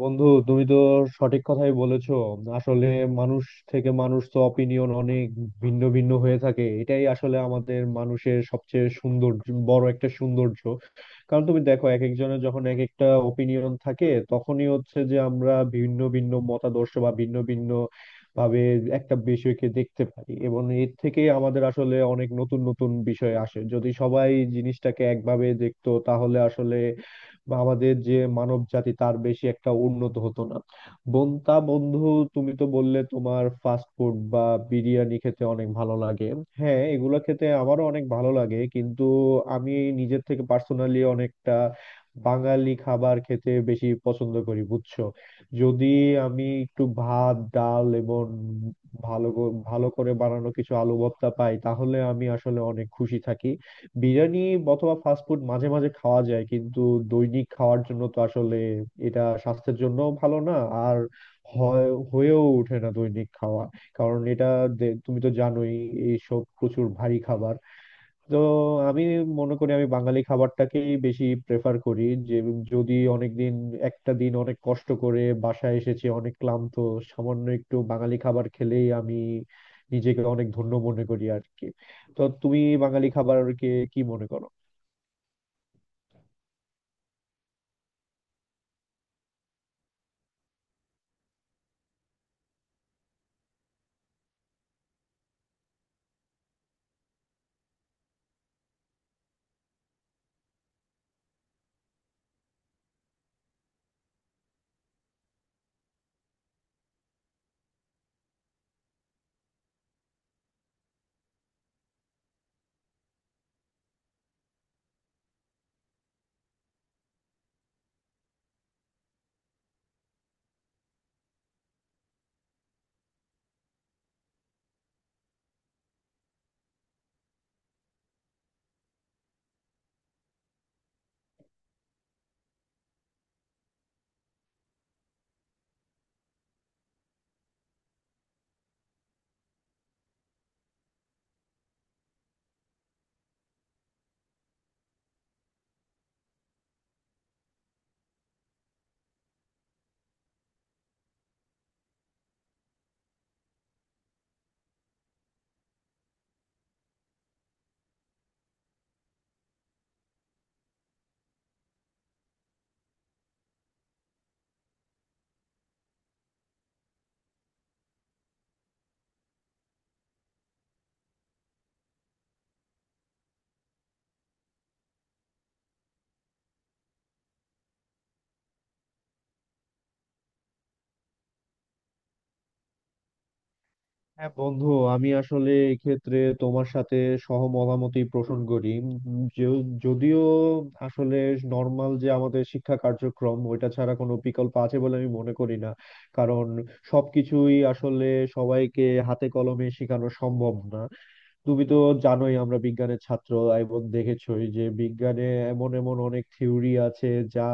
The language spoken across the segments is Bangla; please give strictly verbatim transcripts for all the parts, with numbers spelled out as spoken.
বন্ধু, তুমি তো সঠিক কথাই বলেছো। আসলে মানুষ থেকে মানুষ তো অপিনিয়ন অনেক ভিন্ন ভিন্ন হয়ে থাকে। এটাই আসলে আমাদের মানুষের সবচেয়ে সুন্দর বড় একটা সৌন্দর্য। কারণ তুমি দেখো, এক একজনের যখন এক একটা ওপিনিয়ন থাকে, তখনই হচ্ছে যে আমরা ভিন্ন ভিন্ন মতাদর্শ বা ভিন্ন ভিন্ন ভাবে একটা বিষয়কে দেখতে পারি, এবং এর থেকে আমাদের আসলে অনেক নতুন নতুন বিষয় আসে। যদি সবাই জিনিসটাকে একভাবে দেখতো, তাহলে আসলে আমাদের যে মানব জাতি, তার বেশি একটা উন্নত হতো না। বোন তা বন্ধু তুমি তো বললে তোমার ফাস্ট ফুড বা বিরিয়ানি খেতে অনেক ভালো লাগে। হ্যাঁ, এগুলো খেতে আমারও অনেক ভালো লাগে, কিন্তু আমি নিজের থেকে পার্সোনালি অনেকটা বাঙালি খাবার খেতে বেশি পছন্দ করি, বুঝছো? যদি আমি একটু ভাত ডাল এবং ভালো ক- ভালো করে বানানো কিছু আলু ভর্তা পাই, তাহলে আমি আসলে অনেক খুশি থাকি। বিরিয়ানি অথবা ফাস্টফুড মাঝে মাঝে খাওয়া যায়, কিন্তু দৈনিক খাওয়ার জন্য তো আসলে এটা স্বাস্থ্যের জন্য ভালো না। আর হয় হয়েও ওঠে না দৈনিক খাওয়া, কারণ এটা দে- তুমি তো জানোই, এইসব প্রচুর ভারী খাবার। তো আমি মনে করি আমি বাঙালি খাবারটাকেই বেশি প্রেফার করি। যে যদি অনেকদিন, একটা দিন অনেক কষ্ট করে বাসায় এসেছি, অনেক ক্লান্ত, সামান্য একটু বাঙালি খাবার খেলেই আমি নিজেকে অনেক ধন্য মনে করি আর কি। তো তুমি বাঙালি খাবারকে কি মনে করো? হ্যাঁ বন্ধু, আমি আসলে এক্ষেত্রে তোমার সাথে সহমতামতই পোষণ করি। উম, যে- যদিও আসলে নর্মাল যে আমাদের শিক্ষা কার্যক্রম, ওইটা ছাড়া কোনো বিকল্প আছে বলে আমি মনে করি না। কারণ সবকিছুই আসলে সবাইকে হাতে কলমে শেখানো সম্ভব না। তুমি তো জানোই আমরা বিজ্ঞানের ছাত্র, এবং দেখেছোই যে বিজ্ঞানে এমন এমন অনেক থিওরি আছে যা,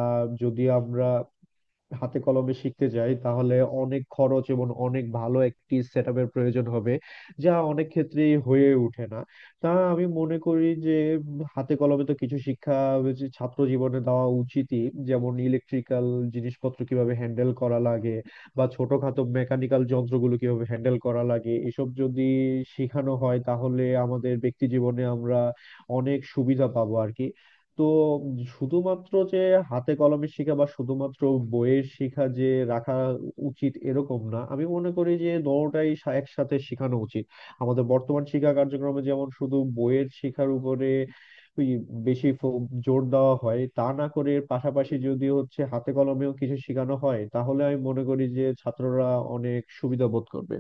যদি আমরা হাতে কলমে শিখতে যাই, তাহলে অনেক খরচ এবং অনেক ভালো একটি সেট আপের প্রয়োজন হবে, যা অনেক ক্ষেত্রেই হয়ে ওঠে না। তা আমি মনে করি যে হাতে কলমে তো কিছু শিক্ষা যে ছাত্র জীবনে দেওয়া উচিতই, যেমন ইলেকট্রিক্যাল জিনিসপত্র কিভাবে হ্যান্ডেল করা লাগে, বা ছোটখাটো মেকানিক্যাল যন্ত্রগুলো কিভাবে হ্যান্ডেল করা লাগে, এসব যদি শেখানো হয় তাহলে আমাদের ব্যক্তি জীবনে আমরা অনেক সুবিধা পাবো আর কি। তো শুধুমাত্র যে হাতে কলমে শেখা বা শুধুমাত্র বইয়ের শিখা যে রাখা উচিত, এরকম না। আমি মনে করি যে দুটোটাই সা- একসাথে শেখানো উচিত। আমাদের বর্তমান শিক্ষা কার্যক্রমে যেমন শুধু বইয়ের শিক্ষার উপরে ওই বেশি ফো- জোর দেওয়া হয়, তা না করে এর পাশাপাশি যদি হচ্ছে হাতে কলমেও কিছু শেখানো হয়, তাহলে আমি মনে করি যে ছাত্ররা অনেক সুবিধা বোধ করবে।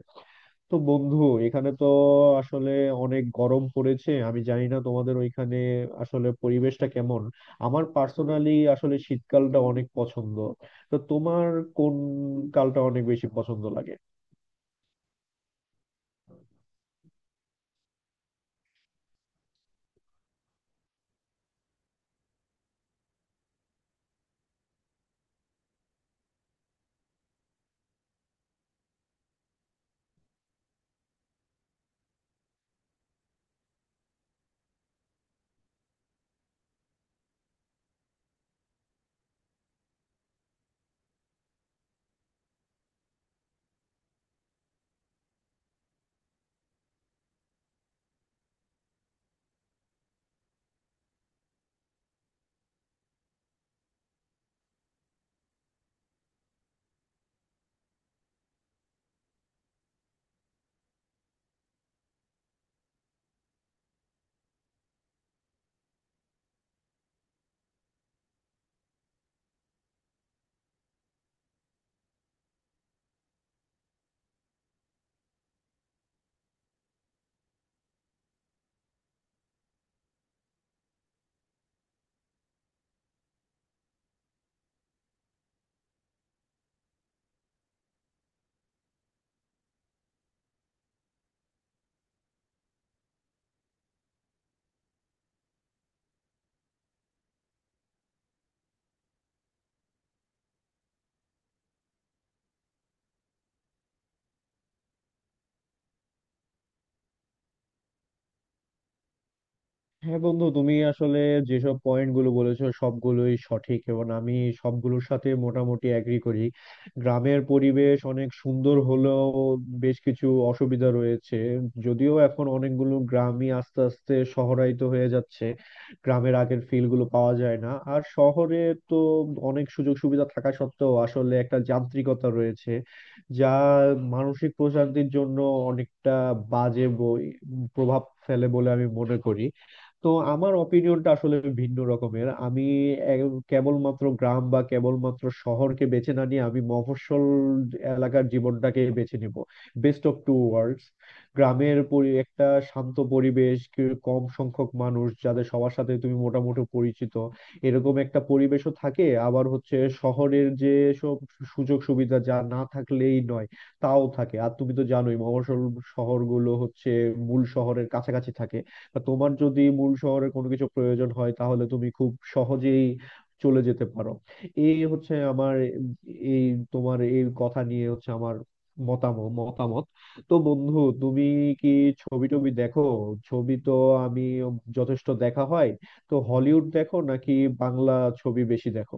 তো বন্ধু, এখানে তো আসলে অনেক গরম পড়েছে। আমি জানি না তোমাদের ওইখানে আসলে পরিবেশটা কেমন। আমার পার্সোনালি আসলে শীতকালটা অনেক পছন্দ। তো তোমার কোন কালটা অনেক বেশি পছন্দ লাগে? হ্যাঁ বন্ধু, তুমি আসলে যেসব পয়েন্ট গুলো বলেছো সবগুলোই সঠিক, এবং আমি সবগুলোর সাথে মোটামুটি এগ্রি করি। গ্রামের পরিবেশ অনেক সুন্দর হলেও বেশ কিছু অসুবিধা রয়েছে। যদিও এখন অনেকগুলো গ্রামই আস্তে আস্তে শহরায়িত হয়ে যাচ্ছে, গ্রামের আগের ফিল গুলো পাওয়া যায় না। আর শহরে তো অনেক সুযোগ সুবিধা থাকা সত্ত্বেও আসলে একটা যান্ত্রিকতা রয়েছে, যা মানসিক প্রশান্তির জন্য অনেকটা বাজে বই- প্রভাব ফেলে বলে আমি মনে করি। তো আমার অপিনিয়নটা আসলে ভিন্ন রকমের। আমি এক- কেবলমাত্র গ্রাম বা কেবলমাত্র শহরকে বেছে না নিয়ে আমি মফস্বল এলাকার জীবনটাকে বেছে নিব। Best of two worlds. গ্রামের পরি একটা শান্ত পরিবেশ, কি- কম সংখ্যক মানুষ যাদের সবার সাথে তুমি মোটামুটি পরিচিত, এরকম একটা পরিবেশও থাকে, আবার হচ্ছে শহরের যে সব সুযোগ সুবিধা যা না থাকলেই নয়, তাও থাকে। আর তুমি তো জানোই মফস্বল শহরগুলো হচ্ছে মূল শহরের কাছাকাছি থাকে। আর তোমার যদি মূল শহরে কোনো কিছু প্রয়োজন হয়, তাহলে তুমি খুব সহজেই চলে যেতে পারো। এই হচ্ছে আমার এই তোমার এই কথা নিয়ে হচ্ছে আমার মতামত মতামত তো বন্ধু, তুমি কি ছবি টবি দেখো? ছবি তো আমি যথেষ্ট দেখা হয়। তো হলিউড দেখো নাকি বাংলা ছবি বেশি দেখো?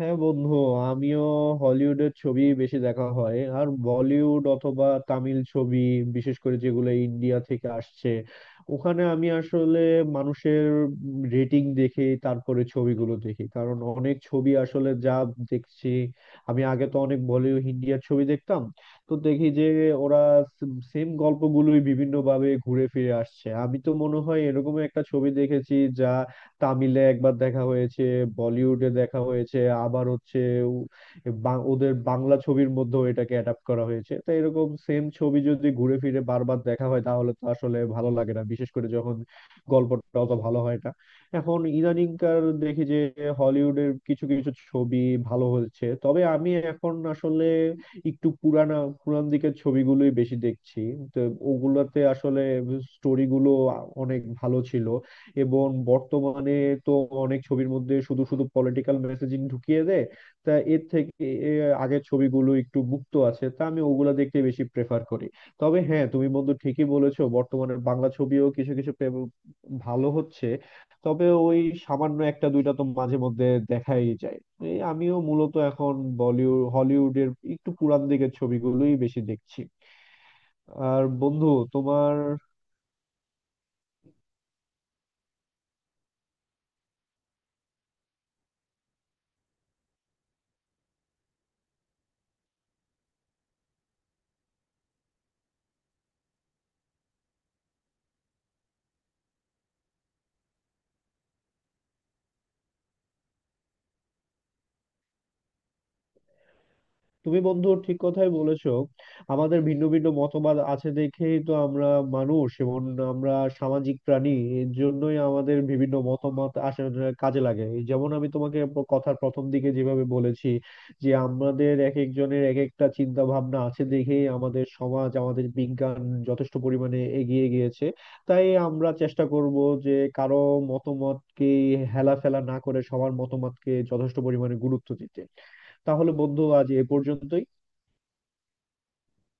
হ্যাঁ বন্ধু, আমিও হলিউডের ছবি বেশি দেখা হয়। আর বলিউড অথবা তামিল ছবি, বিশেষ করে যেগুলো ইন্ডিয়া থেকে আসছে, ওখানে আমি আসলে মানুষের রেটিং দেখে তারপরে ছবিগুলো দেখি। কারণ অনেক ছবি আসলে, যা দেখছি, আমি আগে তো অনেক বলিউড ইন্ডিয়ার ছবি দেখতাম, তো দেখি যে ওরা সেম গল্পগুলোই বিভিন্ন ভাবে ঘুরে ফিরে আসছে। আমি তো মনে হয় এরকম একটা ছবি দেখেছি যা তামিলে একবার দেখা হয়েছে, বলিউডে দেখা হয়েছে, আবার হচ্ছে উ- বাং- ওদের বাংলা ছবির মধ্যেও এটাকে অ্যাডাপ্ট করা হয়েছে। তো এরকম সেম ছবি যদি ঘুরে ফিরে বারবার দেখা হয়, তাহলে তো আসলে ভালো লাগে না, বিশেষ করে যখন গল্পটা অত ভালো হয় না। এখন ইদানিংকার দেখি যে হলিউডের কিছু কিছু ছবি ভালো হচ্ছে, তবে আমি এখন আসলে একটু পুরানা পুরান দিকের ছবিগুলোই বেশি দেখছি। তো ওগুলাতে আসলে স্টোরি গুলো অনেক ভালো ছিল। এবং বর্তমানে তো অনেক ছবির মধ্যে শুধু শুধু পলিটিক্যাল মেসেজিং ঢুকিয়ে দেয়। তা এর থেকে এ, আগের ছবিগুলো একটু মুক্ত আছে, তা আমি ওগুলা দেখতে বেশি প্রেফার করি। তবে হ্যাঁ, তুমি বন্ধু ঠিকই বলেছো, বর্তমানে বাংলা ছবিও কিছু কিছু প্রে- ভালো হচ্ছে। তবে ওই সামান্য একটা দুইটা তো মাঝে মধ্যে দেখাই যায়। এই আমিও মূলত এখন বলিউড হলিউডের একটু পুরান দিকের ছবিগুলোই বেশি দেখছি। আর বন্ধু তোমার তুমি বন্ধু ঠিক কথাই বলেছো। আমাদের ভিন্ন ভিন্ন মতবাদ আছে দেখেই তো আমরা মানুষ, এবং আমরা সামাজিক প্রাণী। এর জন্যই আমাদের বিভিন্ন মতামত আসলে কাজে লাগে। এই যেমন আমি তোমাকে প- কথার প্রথম দিকে যেভাবে বলেছি, যে আমাদের এক একজনের এক একটা চিন্তা ভাবনা আছে দেখেই আমাদের সমাজ, আমাদের বিজ্ঞান যথেষ্ট পরিমাণে এগিয়ে গিয়েছে। তাই আমরা চেষ্টা করব যে কারো মতামতকে হেলা ফেলা না করে সবার মতামতকে যথেষ্ট পরিমাণে গুরুত্ব দিতে। তাহলে বন্ধু, আজ এ পর্যন্তই।